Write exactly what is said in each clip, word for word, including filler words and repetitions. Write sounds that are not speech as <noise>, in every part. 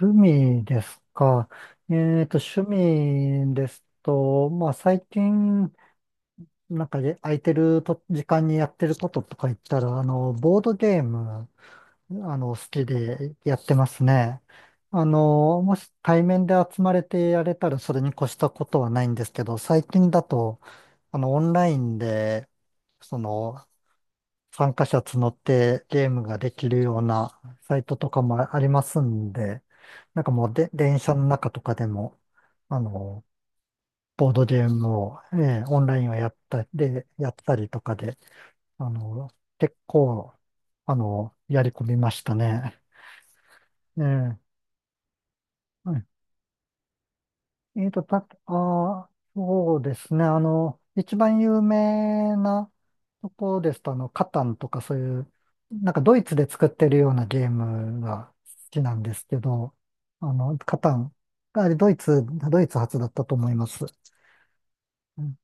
趣味ですか。えっと、趣味ですと、まあ、最近、なんかで空いてると時間にやってることとか言ったら、あの、ボードゲーム、あの、好きでやってますね。あの、もし対面で集まれてやれたらそれに越したことはないんですけど、最近だと、あの、オンラインで、その、参加者募ってゲームができるようなサイトとかもありますんで、なんかもうで、電車の中とかでも、あの、ボードゲームを、えーオンラインをやったり、やったりとかで、あの、結構、あの、やり込みましたね。えええっと、た、あー、そうですね。あの、一番有名なとこですと、あの、カタンとかそういう、なんかドイツで作ってるようなゲームが好きなんですけど、あの、カタンがあれドイツ、ドイツ発だったと思います。うん、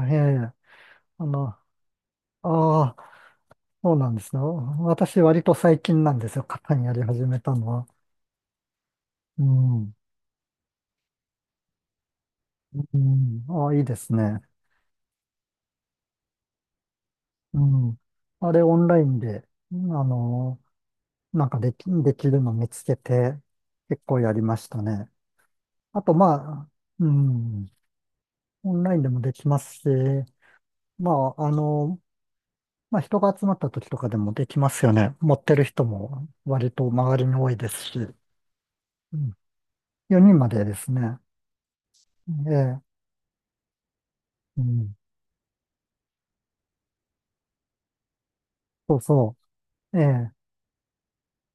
ええ、あの、ああ、そうなんですね。私割と最近なんですよ。カタンやり始めたのは。うん、うん、ああ、いいですね。うん。あれオンラインで、あの、なんかでき、できるの見つけて、結構やりましたね。あと、まあ、うん、オンラインでもできますし、まあ、あの、まあ、人が集まった時とかでもできますよね。持ってる人も割と周りに多いですし、うん、よにんまでですね。ええ、うん、そうそう。ええ、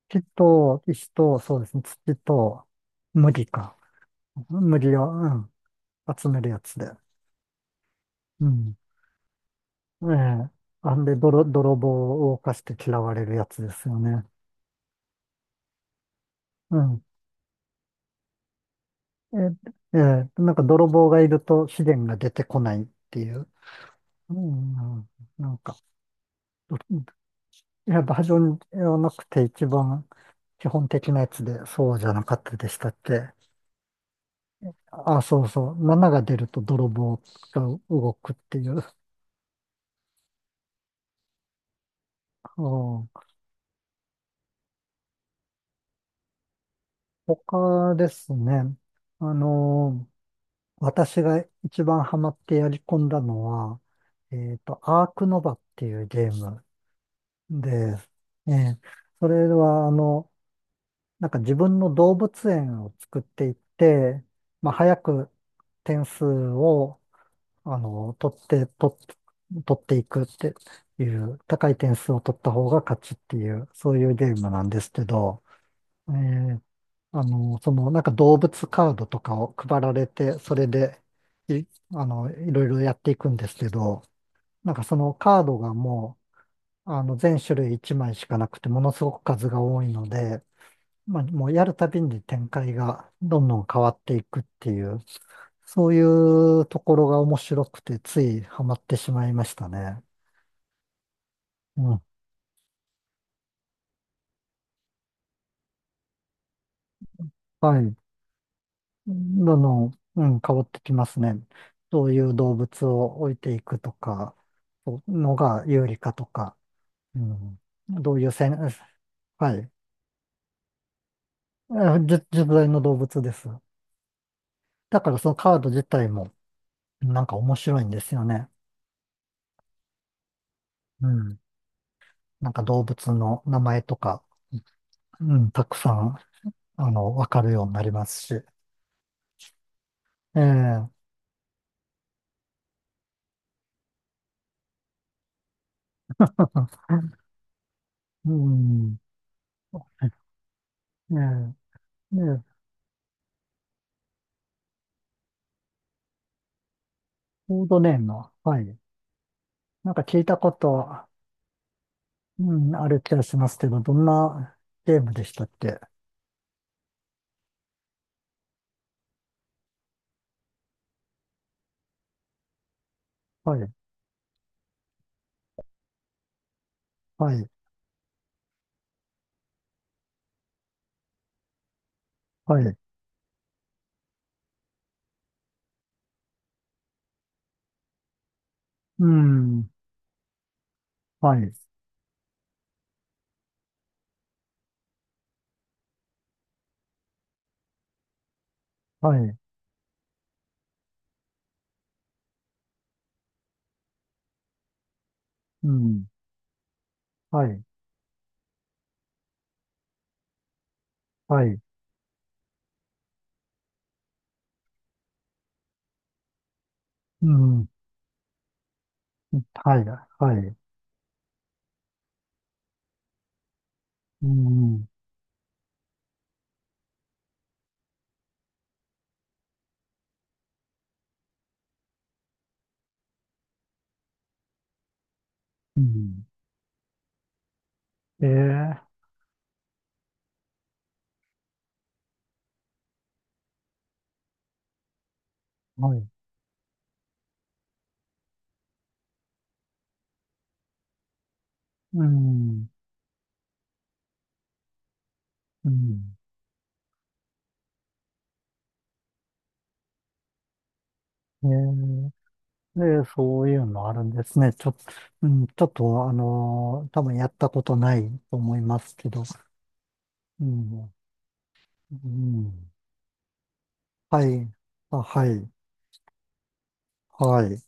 木と石と、そうですね、土と麦か。麦を、うん、集めるやつで。うん、ええ。あんで、泥、泥棒を犯して嫌われるやつですよね。うん。え、ええ、なんか泥棒がいると資源が出てこないっていう。うん。なんか、やっぱバージョンではなくて一番基本的なやつでそうじゃなかったでしたっけ。あ、そうそう。ななが出ると泥棒が動くっていう。うん、他ですね。あの私が一番ハマってやり込んだのは、えっと、アークノバっていうゲームで、ええ、それは、あの、なんか自分の動物園を作っていって、まあ、早く点数を、あの、取って、取って、取っていくっていう、高い点数を取った方が勝ちっていう、そういうゲームなんですけど、ええ、あの、その、なんか動物カードとかを配られて、それで、い、あの、いろいろやっていくんですけど、なんかそのカードがもう、あの、全種類いちまいしかなくて、ものすごく数が多いので、まあ、もうやるたびに展開がどんどん変わっていくっていう、そういうところが面白くて、ついハマってしまいましたね。うん。はい。どんどん、うん、変わってきますね。どういう動物を置いていくとか、のが有利かとか、うん、どういう戦、はい、あ、じ実在の動物です。だからそのカード自体もなんか面白いんですよね。うん、なんか動物の名前とか、うん、たくさん、あの、わかるようになりますし。ええ。 <laughs> うん。ねえ、ねえ、コードネームは、はい。なんか聞いたこと、うん、ある気がしますけど、どんなゲームでしたっけ。はい、はい、はい、うん、はい、はい、うん、はい、はい、うん、はい、はい、うん、うん、えー、はい、うん、うん、えー、で、そういうのあるんですね。ちょっと、うん、ちょっと、あのー多分やったことないと思いますけど、うん、うん、はい、あ、はい、はい。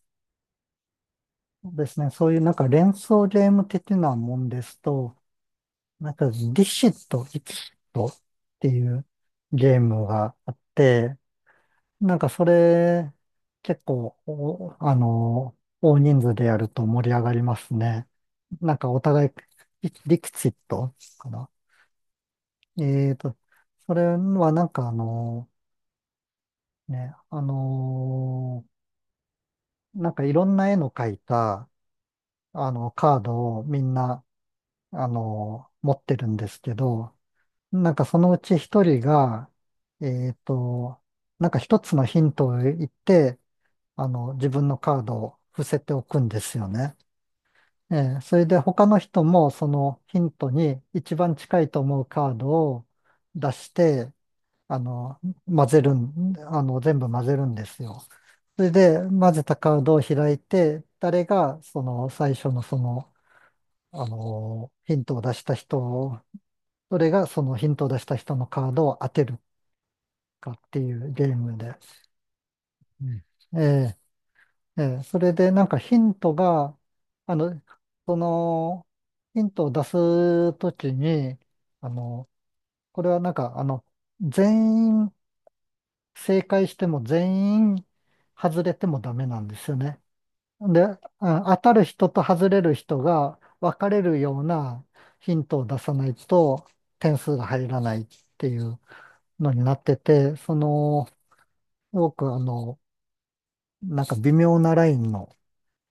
そうですね。そういうなんか連想ゲーム的なもんですと、なんかリシット、イキシットっていうゲームがあって、なんかそれ結構お、あの、大人数でやると盛り上がりますね。なんかお互い、リリキシットかな。えーと、それはなんかあの、ね、あの、なんかいろんな絵の描いた、あの、カードをみんなあの、持ってるんですけど、なんかそのうち一人が、えっと、なんか一つのヒントを言って、あの、自分のカードを伏せておくんですよね。ええ、それで他の人もそのヒントに一番近いと思うカードを出して、あの、混ぜるん、あの、全部混ぜるんですよ。それで混ぜたカードを開いて、誰がその最初のその、あの、ヒントを出した人それがそのヒントを出した人のカードを当てるかっていうゲームで。うん、ええ、ええ、それでなんかヒントが、あの、その、ヒントを出すときに、あの、これはなんか、あの、全員正解しても全員外れてもダメなんですよね。で、あ、当たる人と外れる人が分かれるようなヒントを出さないと点数が入らないっていうのになってて、その、すごくあの、なんか微妙なラインの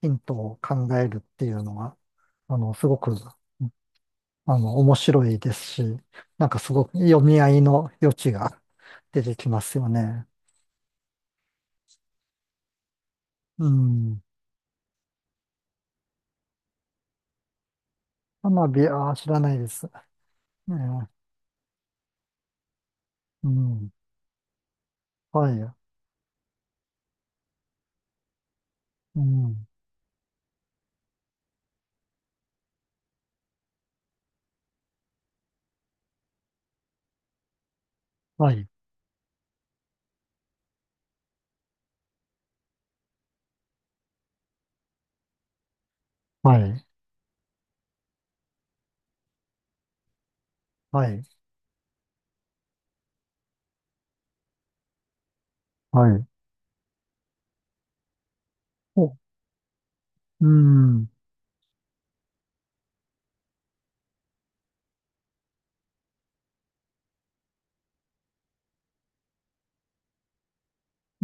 ヒントを考えるっていうのが、あの、すごく、あの、面白いですし、なんかすごく読み合いの余地が出てきますよね。うん。花火、まあ、あ、知らないです。ねえ、うん。はい。うん。はい。はい。はい。はい。お、うん。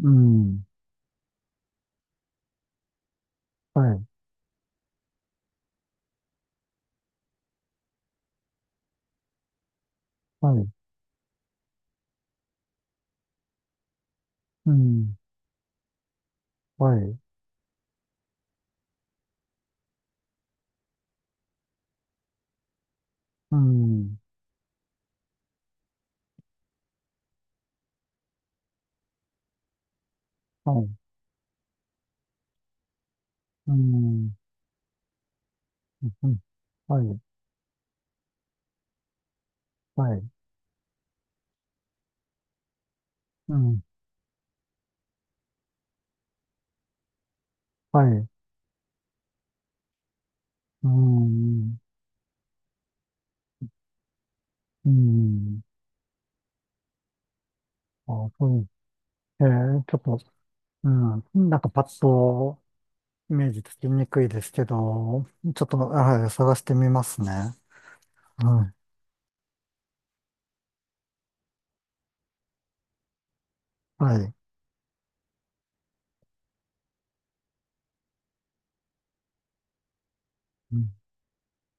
うん。はい。はい。うん。はい。うん。はい。うん。うん、うん、はい、はい、うん、はい、うん、うん、あ、そう、えー、ちょっと、うん、なんかパッとイメージつきにくいですけど、ちょっと、はい、探してみますね。はい、はい。